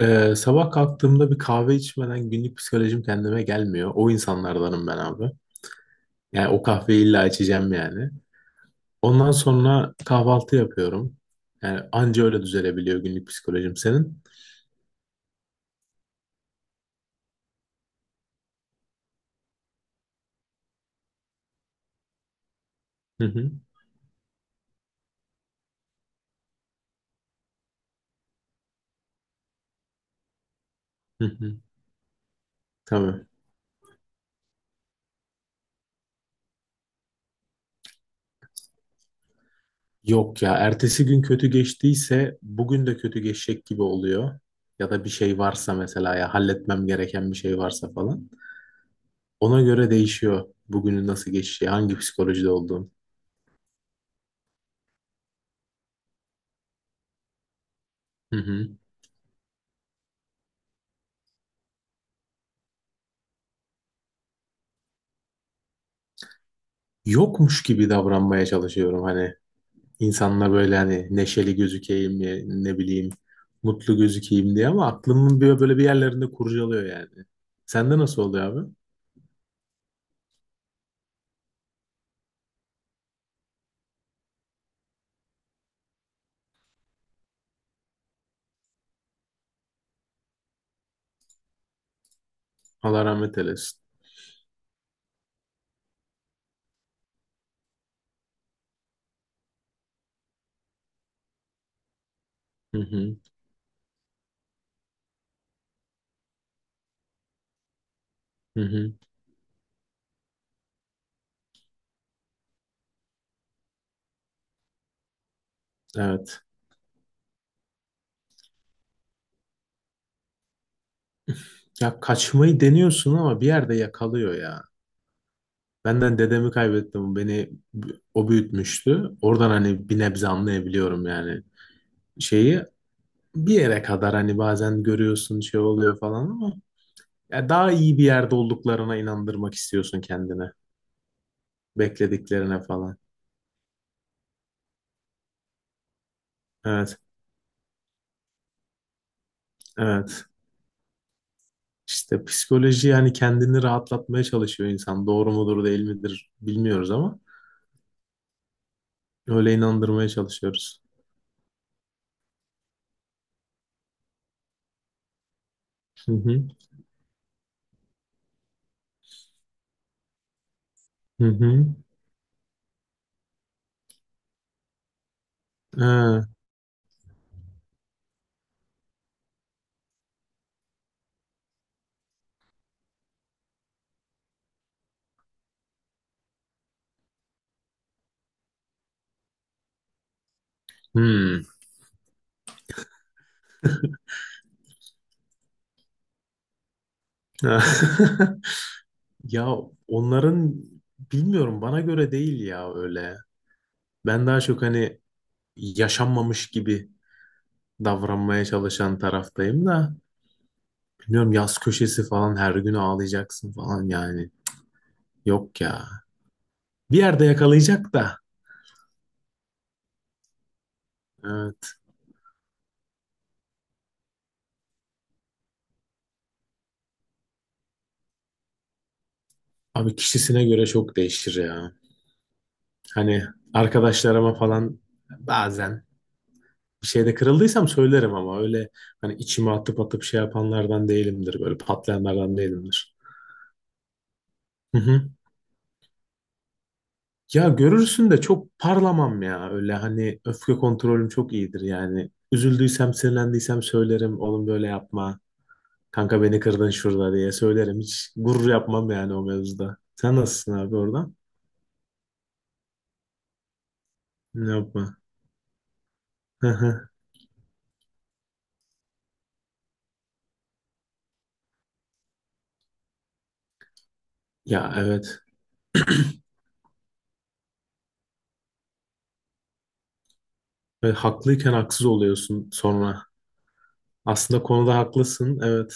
Sabah kalktığımda bir kahve içmeden günlük psikolojim kendime gelmiyor. O insanlardanım ben abi. Yani o kahveyi illa içeceğim yani. Ondan sonra kahvaltı yapıyorum. Yani anca öyle düzelebiliyor günlük psikolojim senin. Hı hı, hı hı. Tabii. Yok ya ertesi gün kötü geçtiyse bugün de kötü geçecek gibi oluyor. Ya da bir şey varsa mesela ya halletmem gereken bir şey varsa falan. Ona göre değişiyor bugünün nasıl geçeceği, hangi psikolojide olduğum. Hı hı. Yokmuş gibi davranmaya çalışıyorum hani insanla böyle hani neşeli gözükeyim ya, ne bileyim mutlu gözükeyim diye ama aklımın bir böyle bir yerlerinde kurcalıyor yani. Sende nasıl oluyor abi? Allah rahmet eylesin. Hı hı, hı hı. Evet. Ya kaçmayı deniyorsun ama bir yerde yakalıyor ya. Benden dedemi kaybettim. Beni o büyütmüştü. Oradan hani bir nebze anlayabiliyorum yani. Şeyi bir yere kadar hani bazen görüyorsun şey oluyor falan ama ya daha iyi bir yerde olduklarına inandırmak istiyorsun kendini. Beklediklerine falan. Evet, evet. İşte psikoloji yani kendini rahatlatmaya çalışıyor insan. Doğru mudur değil midir bilmiyoruz ama öyle inandırmaya çalışıyoruz. Hı hı. Hı hı. Ha, hmm. Ya onların bilmiyorum bana göre değil ya öyle. Ben daha çok hani yaşanmamış gibi davranmaya çalışan taraftayım da. Bilmiyorum yaz köşesi falan her gün ağlayacaksın falan yani. Yok ya. Bir yerde yakalayacak da. Evet. Abi kişisine göre çok değişir ya. Hani arkadaşlarıma falan bazen bir şeyde kırıldıysam söylerim ama öyle hani içime atıp atıp şey yapanlardan değilimdir. Böyle patlayanlardan değilimdir. Hı hı. Ya görürsün de çok parlamam ya. Öyle hani öfke kontrolüm çok iyidir yani. Üzüldüysem, sinirlendiysem söylerim. Oğlum böyle yapma. Kanka beni kırdın şurada diye söylerim. Hiç gurur yapmam yani o mevzuda. Sen nasılsın abi orada? Ne yapma. Hı hı. Ya evet. Ve haklıyken haksız oluyorsun sonra. Aslında konuda haklısın. Evet.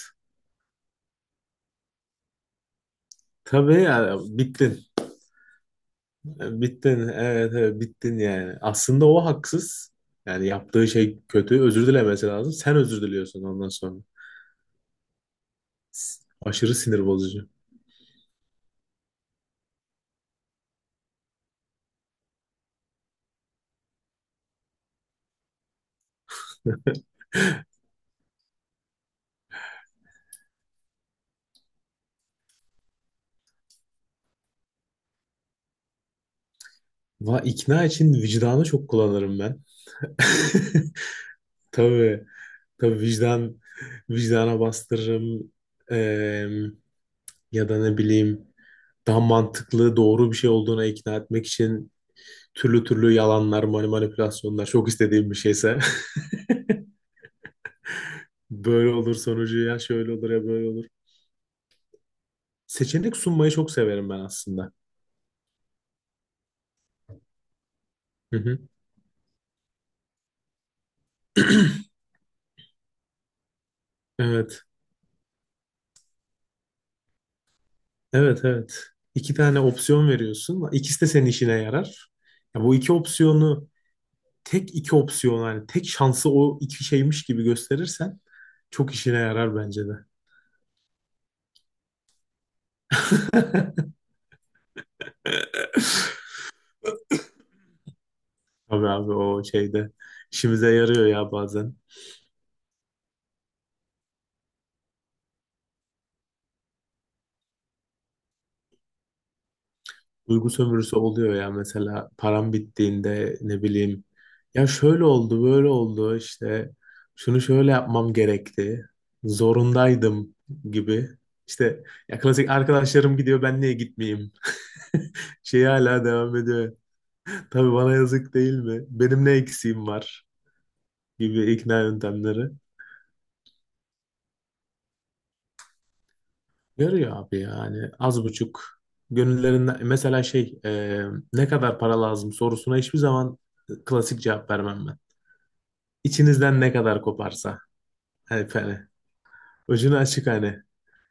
Tabii ya bittin. Bittin. Evet, evet bittin yani. Aslında o haksız. Yani yaptığı şey kötü. Özür dilemesi lazım. Sen özür diliyorsun ondan sonra. Aşırı sinir bozucu. Va ikna için vicdanı çok kullanırım ben. Tabii. Tabii vicdan vicdana bastırırım. Eee, Ya da ne bileyim daha mantıklı doğru bir şey olduğuna ikna etmek için türlü türlü yalanlar, manipülasyonlar çok istediğim bir şeyse böyle olur sonucu ya şöyle olur ya böyle olur. Seçenek sunmayı çok severim ben aslında. Hı hı. Evet. Evet evet. İki tane opsiyon veriyorsun. İkisi de senin işine yarar. Ya bu iki opsiyonu tek iki opsiyon yani tek şansı o iki şeymiş gibi gösterirsen çok işine yarar bence de. Tabii abi o şeyde işimize yarıyor ya bazen. Duygu sömürüsü oluyor ya mesela param bittiğinde ne bileyim ya şöyle oldu böyle oldu işte şunu şöyle yapmam gerekti. Zorundaydım gibi. İşte ya klasik arkadaşlarım gidiyor ben niye gitmeyeyim? Şeyi hala devam ediyor. Tabii bana yazık değil mi? Benim ne eksiğim var gibi ikna yöntemleri. Görüyor abi yani az buçuk gönüllerinden mesela şey ne kadar para lazım sorusuna hiçbir zaman klasik cevap vermem ben. İçinizden ne kadar koparsa hani, hani ucunu açık hani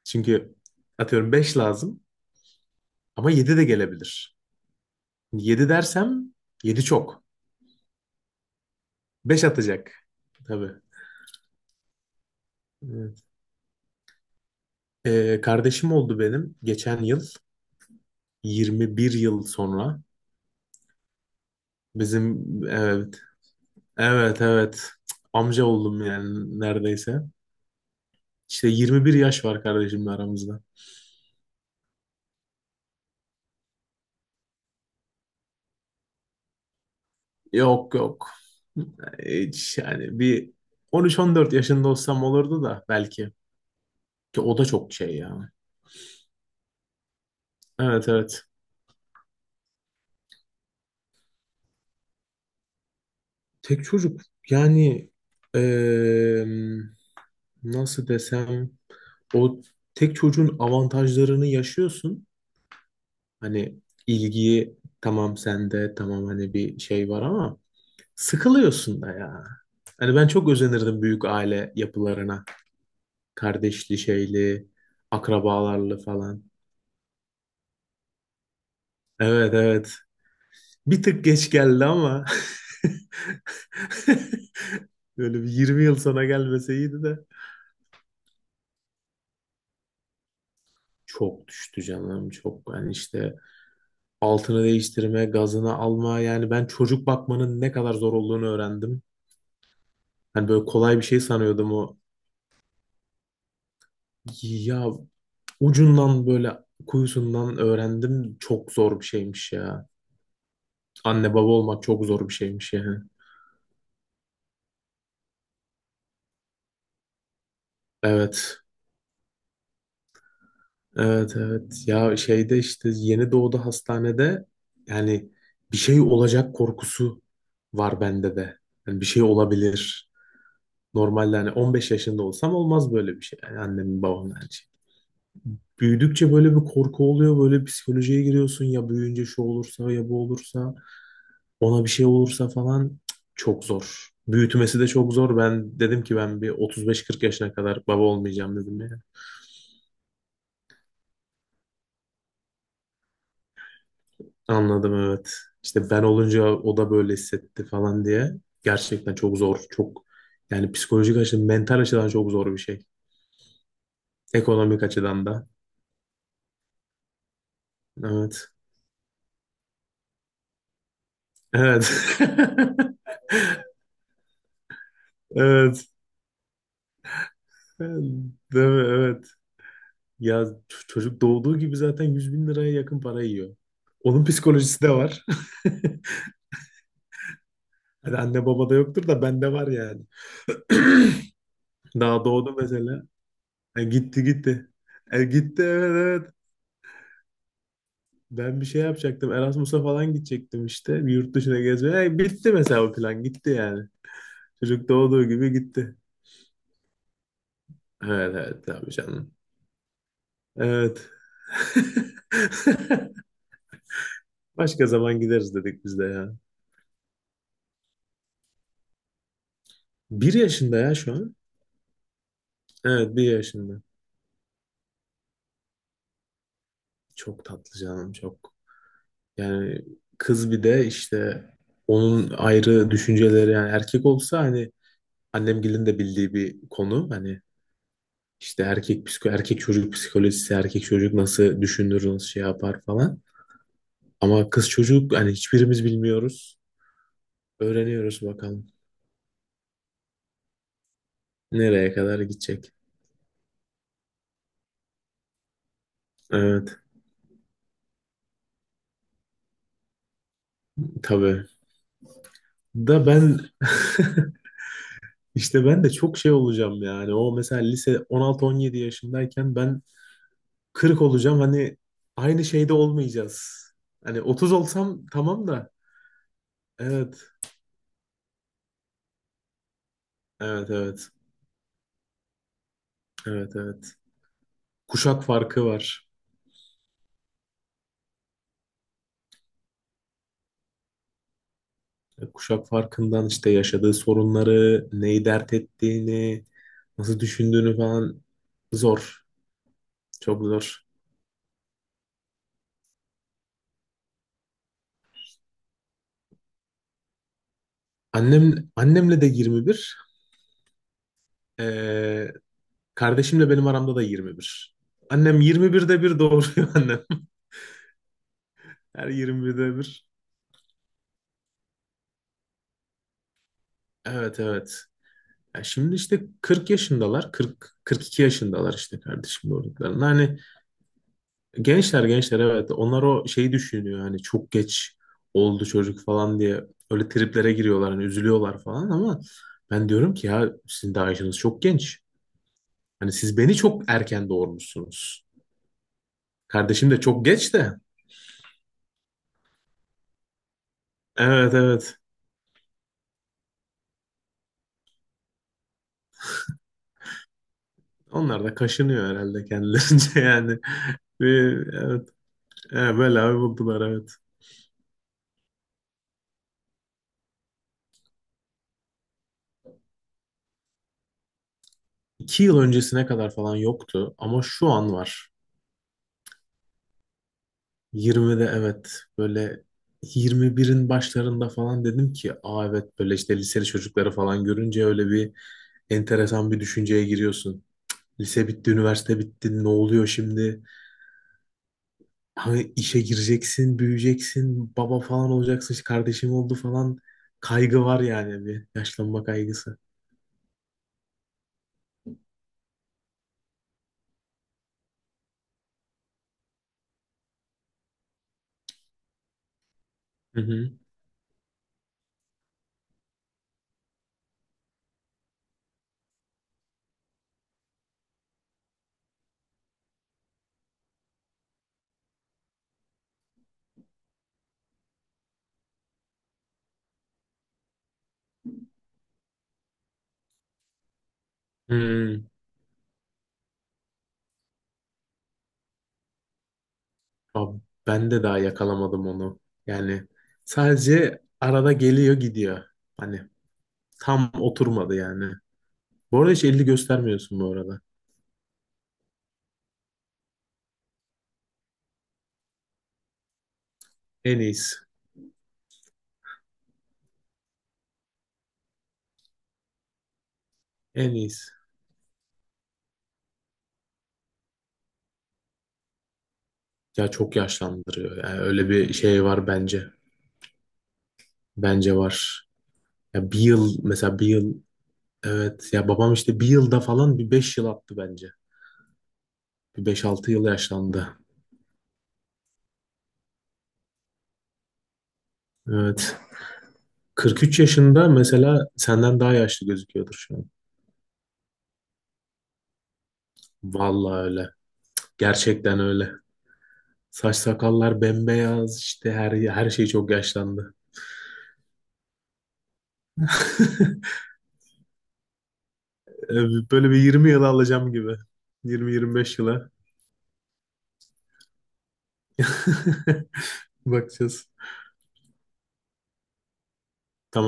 çünkü atıyorum 5 lazım ama yedi de gelebilir. Yedi dersem 7 çok, 5 atacak tabii. Evet. E, kardeşim oldu benim geçen yıl 21 yıl sonra bizim. Evet evet evet, amca oldum yani neredeyse. İşte 21 yaş var kardeşimle aramızda. Yok yok. Hiç yani bir 13-14 yaşında olsam olurdu da belki. Ki o da çok şey yani. Evet evet. Tek çocuk yani eee, nasıl desem o tek çocuğun avantajlarını yaşıyorsun. Hani ilgiyi tamam sende tamam hani bir şey var ama sıkılıyorsun da ya. Hani ben çok özenirdim büyük aile yapılarına. Kardeşli şeyli, akrabalarlı falan. Evet evet. Bir tık geç geldi ama böyle bir 20 yıl sonra gelmeseydi de. Çok düştü canım çok. Yani işte altını değiştirme, gazını alma yani ben çocuk bakmanın ne kadar zor olduğunu öğrendim. Hani böyle kolay bir şey sanıyordum o. Ya ucundan böyle kuyusundan öğrendim çok zor bir şeymiş ya. Anne baba olmak çok zor bir şeymiş yani. Evet. Evet evet, ya şeyde işte yeni doğdu hastanede yani bir şey olacak korkusu var bende de. Yani bir şey olabilir. Normalde hani 15 yaşında olsam olmaz böyle bir şey. Yani annemin babamın her şey. Büyüdükçe böyle bir korku oluyor. Böyle psikolojiye giriyorsun ya büyüyünce şu olursa ya bu olursa ona bir şey olursa falan. Cık, çok zor. Büyütmesi de çok zor. Ben dedim ki ben bir 35-40 yaşına kadar baba olmayacağım dedim ya. Anladım evet. İşte ben olunca o da böyle hissetti falan diye. Gerçekten çok zor. Çok yani psikolojik açıdan, mental açıdan çok zor bir şey. Ekonomik açıdan da. Evet. Evet. Evet. Değil mi? Evet. Ya çocuk doğduğu gibi zaten 100.000 liraya yakın para yiyor. Onun psikolojisi de var. Hadi anne baba da yoktur da bende var yani. Daha doğdu mesela. E, gitti gitti. E, gitti evet evet. Ben bir şey yapacaktım. Erasmus'a falan gidecektim işte. Bir yurt dışına gezmeye. E, bitti mesela o plan. Gitti yani. Çocuk doğduğu gibi gitti. Evet evet tabii canım. Evet. Başka zaman gideriz dedik biz de ya. Bir yaşında ya şu an. Evet bir yaşında. Çok tatlı canım çok. Yani kız bir de işte onun ayrı düşünceleri yani erkek olsa hani annemgilin de bildiği bir konu. Hani işte erkek psiko erkek çocuk psikolojisi, erkek çocuk nasıl düşünür, nasıl şey yapar falan. Ama kız çocuk hani hiçbirimiz bilmiyoruz. Öğreniyoruz bakalım nereye kadar gidecek. Evet tabii. Da ben işte ben de çok şey olacağım yani. O mesela lise 16-17 yaşındayken ben 40 olacağım. Hani aynı şeyde olmayacağız. Hani 30 olsam tamam da. Evet. Evet evet. Evet evet. Kuşak farkı var. Kuşak farkından işte yaşadığı sorunları, neyi dert ettiğini, nasıl düşündüğünü falan zor. Çok zor. Annem, annemle de 21. Ee, Kardeşimle benim aramda da 21. Annem 21'de bir doğuruyor annem. Her 21'de bir. Evet evet. Ya şimdi işte 40 yaşındalar. 40, 42 yaşındalar işte kardeşim doğurduklarında. Hani gençler gençler evet. Onlar o şeyi düşünüyor. Hani çok geç oldu çocuk falan diye. Öyle triplere giriyorlar. Hani üzülüyorlar falan ama ben diyorum ki ya sizin daha yaşınız çok genç. Hani siz beni çok erken doğurmuşsunuz. Kardeşim de çok geç de. Evet evet. Onlar da kaşınıyor herhalde kendilerince yani. Evet, evet böyle abi buldular evet. İki yıl öncesine kadar falan yoktu ama şu an var. 20'de evet böyle 21'in başlarında falan dedim ki aa evet, böyle işte liseli çocukları falan görünce öyle bir enteresan bir düşünceye giriyorsun. Lise bitti, üniversite bitti, ne oluyor şimdi? Hani işe gireceksin, büyüyeceksin, baba falan olacaksın, işte kardeşim oldu falan, kaygı var yani bir yaşlanma kaygısı. Hı hı. Hmm. Abi ben de daha yakalamadım onu. Yani sadece arada geliyor gidiyor. Hani tam oturmadı yani. Bu arada hiç elini göstermiyorsun bu arada. En iyisi. En iyisi. Ya çok yaşlandırıyor. Yani öyle bir şey var bence. Bence var. Ya bir yıl mesela bir yıl, evet, ya babam işte bir yılda falan bir beş yıl attı bence. Bir beş altı yıl yaşlandı. Evet. 43 yaşında mesela senden daha yaşlı gözüküyordur şu an. Vallahi öyle. Gerçekten öyle. Saç sakallar bembeyaz işte her şey çok yaşlandı. Böyle bir 20 yıla alacağım gibi. 20-25 yıla bakacağız. Tamam.